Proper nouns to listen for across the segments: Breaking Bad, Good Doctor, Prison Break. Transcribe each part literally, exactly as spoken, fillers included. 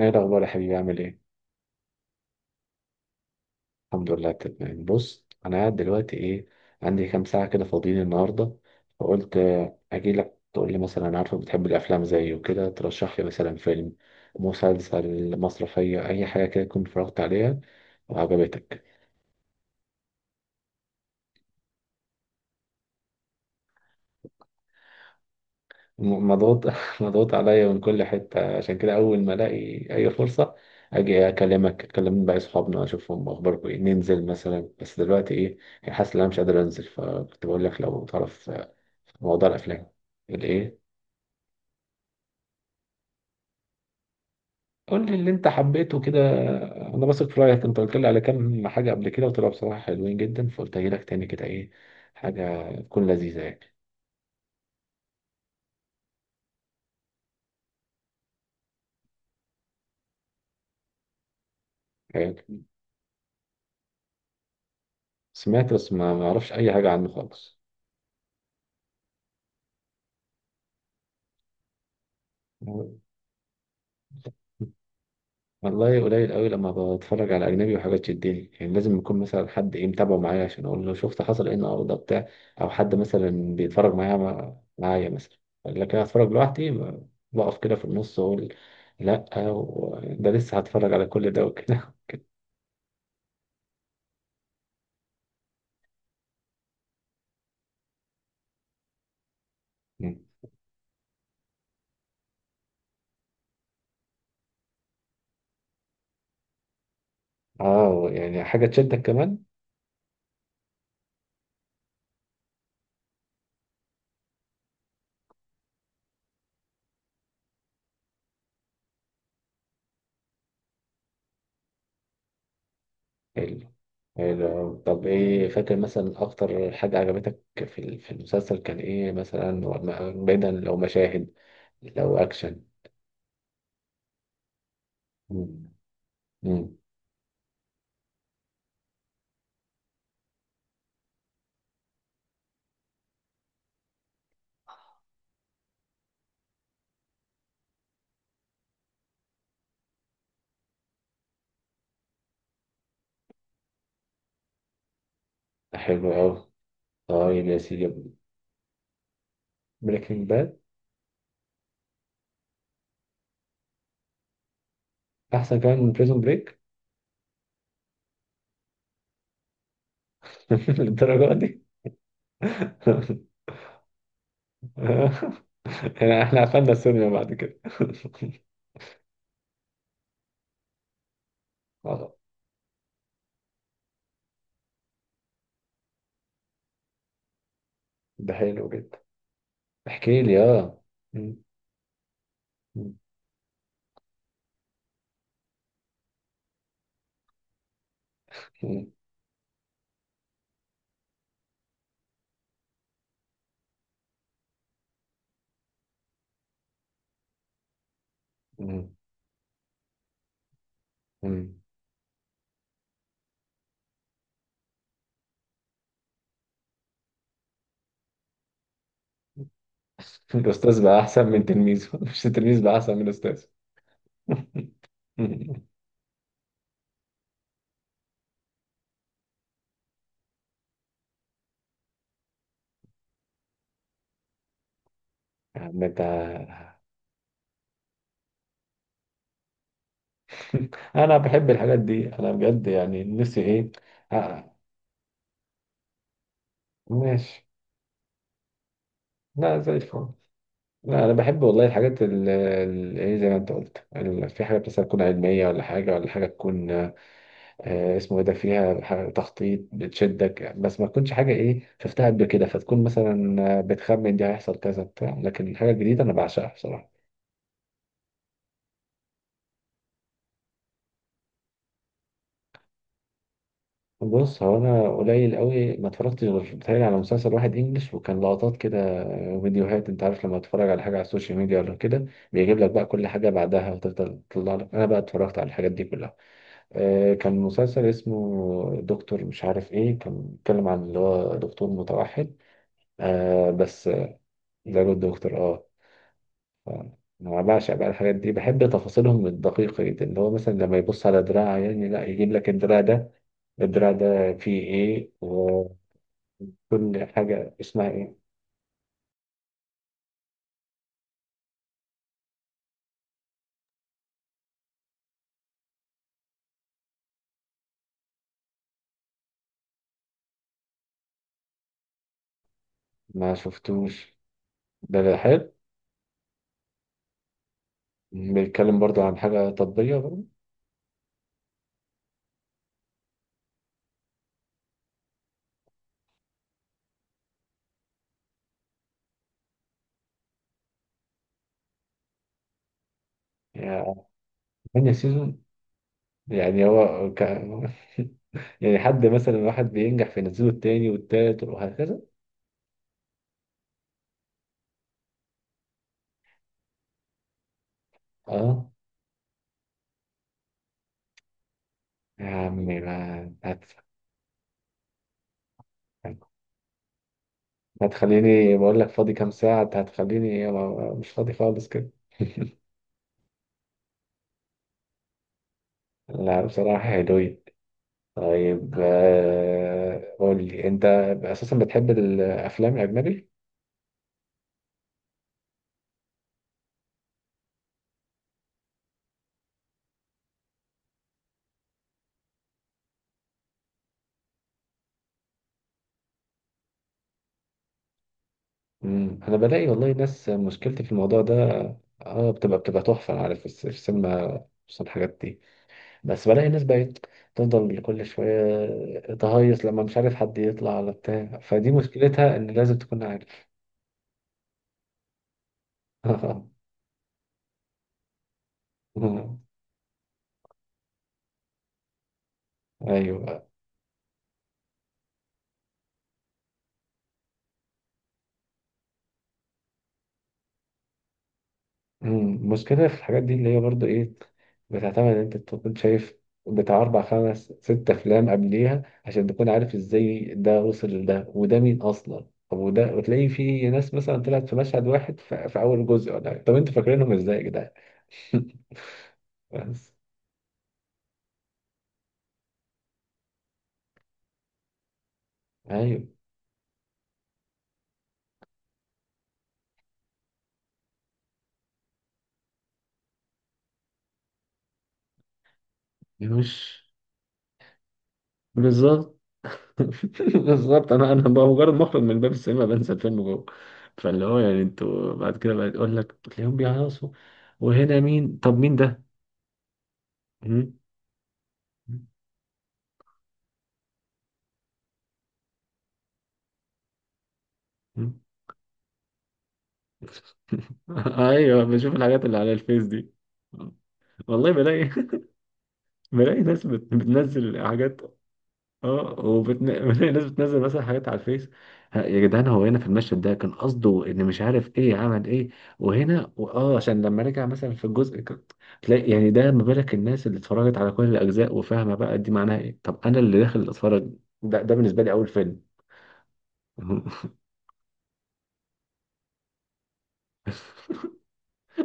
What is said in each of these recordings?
ايه الاخبار يا حبيبي؟ عامل ايه؟ الحمد لله تمام. بص، انا قاعد دلوقتي، ايه عندي كام ساعه كده فاضيين النهارده، فقلت آه، اجي لك تقول لي مثلا، أنا عارفك بتحب الافلام زيي وكده، ترشح لي مثلا فيلم، مسلسل، مسرحيه، اي حاجه كده كنت اتفرجت عليها وعجبتك. م- مضغوط مضغوط عليا من كل حته، عشان كده اول ما الاقي اي فرصه اجي اكلمك، اكلم بقى اصحابنا، اشوفهم اخباركم ايه، ننزل مثلا. بس دلوقتي ايه حاسس ان انا مش قادر انزل، فكنت بقول لك لو تعرف في موضوع الافلام الايه قول لي اللي انت حبيته كده. انا بثق في رايك، انت قلت لي على كام حاجه قبل كده وطلعوا بصراحه حلوين جدا، فقلت اجي لك تاني كده، ايه حاجه تكون لذيذه يعني. فاهم؟ سمعت بس ما ما اعرفش اي حاجه عنه خالص. والله قليل قوي لما بتفرج على اجنبي، وحاجات تشدني يعني لازم يكون مثلا حد ايه متابعه معايا، عشان اقول له شفت حصل ايه النهارده بتاع، او حد مثلا بيتفرج معايا، مع- معايا مثلا. لكن اتفرج لوحدي ب- بقف كده في النص واقول، لا و- ده لسه هتفرج على كل ده وكده. مم. اه يعني حاجه تشدك كمان. حلو. حلو، طب ايه فاكر مثلا اكتر حاجه عجبتك في ال- في المسلسل، كان ايه مثلا، وما- بعيدا لو مشاهد، لو اكشن. مم. مم. حلو أوي. طيب يا سيدي، بريكنج باد أحسن كمان من بريزون بريك؟ للدرجة دي؟ يعني إحنا قفلنا السينما بعد كده. خلاص. ده حلو جدا، احكي لي. آه، م- م- م- م- م. الأستاذ بقى أحسن من تلميذه، مش التلميذ بقى أحسن من الأستاذ. يا عم أنت. انا بحب الحاجات دي، انا بجد يعني نفسي ايه. آه. ماشي. لا زي الفل. لا انا بحب والله الحاجات اللي ايه، زي ما انت قلت ال- في حاجات مثلا تكون علميه، ولا حاجه ولا حاجه تكون آه، اسمه ايه ده، فيها حاجة تخطيط بتشدك، بس ما تكونش حاجه ايه شفتها قبل كده، فتكون مثلا آه، بتخمن دي هيحصل كذا بتاع، لكن الحاجه الجديده انا بعشقها بصراحه. بص هو انا قليل قوي ما اتفرجتش، غير بتهيألي على مسلسل واحد انجلش، وكان لقطات كده وفيديوهات، انت عارف لما تتفرج على حاجه على السوشيال ميديا ولا كده، بيجيب لك بقى كل حاجه بعدها وتفضل تطلع لك، انا بقى اتفرجت على الحاجات دي كلها. آه، كان مسلسل اسمه دكتور مش عارف ايه، كان بيتكلم عن اللي هو دكتور متوحد. آه بس آه، ده جود دكتور اه. ف- انا بعشق بقى الحاجات دي، بحب تفاصيلهم الدقيقة جدا، اللي هو مثلا لما يبص على دراع عيان، لا يجيب لك الدراع ده، الدراع ده فيه ايه، وكل حاجة اسمها ايه. ما شفتوش. ده ده حلو. بيتكلم برضو عن حاجة طبية برضو؟ يعني تاني سيزون؟ يعني هو كان يعني حد مثلا واحد بينجح فينزله التاني والتالت وهكذا؟ اه. يا عمي ما هت... هتخليني بقول لك فاضي كام ساعة، أنت هتخليني ما- مش فاضي خالص كده. لا بصراحة حلوين. طيب آه، قول لي أنت أساسا بتحب الأفلام الأجنبي؟ مم. أنا بلاقي والله ناس مشكلتي في الموضوع ده، اه بتبقى بتبقى تحفة عارف في الس- في السينما خصوصا الحاجات دي، بس بلاقي ناس بقت تفضل كل شوية تهيص لما مش عارف حد يطلع ولا بتاع، فدي مشكلتها إن لازم تكون عارف. أيوة. أمم، مشكلة في الحاجات دي اللي هي برضو إيه، بتعتمد إن أنت تكون شايف بتاع أربع خمس ست أفلام قبليها، عشان تكون عارف إزاي ده وصل لده، وده مين أصلا، طب وده، وتلاقي في ناس مثلا طلعت في مشهد واحد في, في أول جزء ولا حاجة. طب أنتوا فاكرينهم إزاي يا جدعان؟ بس أيوة مش بالظبط. بالظبط، انا انا بقى مجرد مخرج من باب السينما بنسى الفيلم جوه. فاللي هو يعني انتوا بعد كده بقى يقول لك تلاقيهم بيهيصوا، وهنا مين طب مين ده؟ م? م? ايوه بشوف الحاجات اللي على الفيس دي، والله بلاقي بلاقي ناس بت- بتنزل حاجات، اه وبتن... ناس بتنزل مثلا حاجات على الفيس: ها يا جدعان، هو هنا في المشهد ده كان قصده ان مش عارف ايه عمل ايه، وهنا و- اه عشان لما رجع مثلا في الجزء ك- تلاقي يعني ده، ما بالك الناس اللي اتفرجت على كل الاجزاء وفاهمه بقى دي معناها ايه، طب انا اللي داخل اتفرج، ده, ده بالنسبه لي اول فيلم.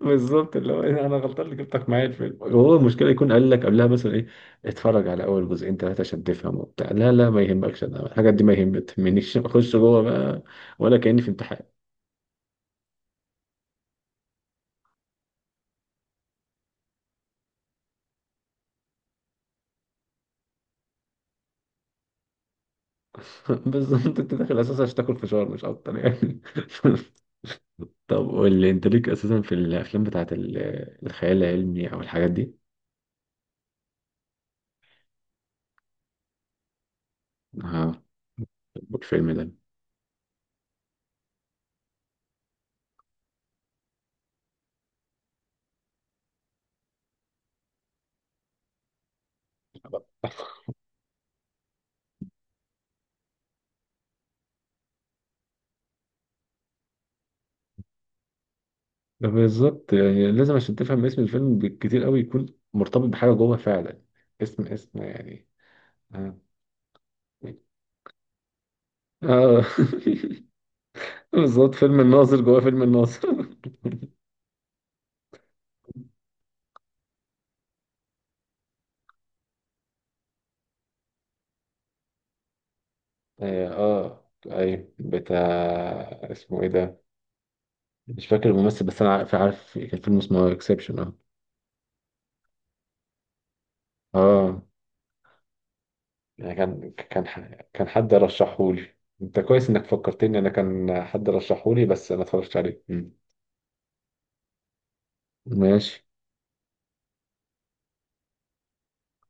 بالظبط، اللي هو إيه، انا غلطان اللي جبتك معايا الفيلم. وهو المشكله يكون قال لك قبلها مثلا ايه، اتفرج على اول جزئين ثلاثه عشان تفهم وبتاع، لا لا ما يهمكش انا الحاجات دي ما يهم- ما تهمنيش، اخش جوه بقى ولا كاني في امتحان. بالظبط، انت داخل اساسا عشان تاكل فشار مش اكتر يعني. طب قول لي انت ليك اساسا في الافلام بتاعت ال- الخيال العلمي او الحاجات دي؟ ها، الفيلم ده. ده بالظبط، يعني لازم عشان تفهم اسم الفيلم بالكتير قوي يكون مرتبط بحاجه جوه فعلا، اسم اسم يعني. اه. اه بالظبط، فيلم الناظر جوه فيلم الناظر. اه آه، ايوه بتاع اسمه ايه ده، مش فاكر الممثل، بس انا عارف عارف كان فيلم اسمه اكسبشن اه. اه يعني كان كان ح- كان حد رشحهولي. انت كويس انك فكرتني، انا كان حد رشحهولي بس انا اتفرجت عليه. مم. ماشي.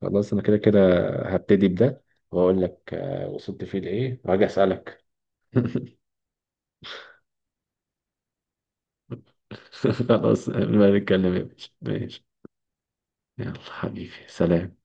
خلاص انا كده كده هبتدي بده، واقول لك آه، وصلت فيه لايه، وهاجي اسالك. خلاص ما نتكلم يا باشا، ماشي. يلا حبيبي سلام.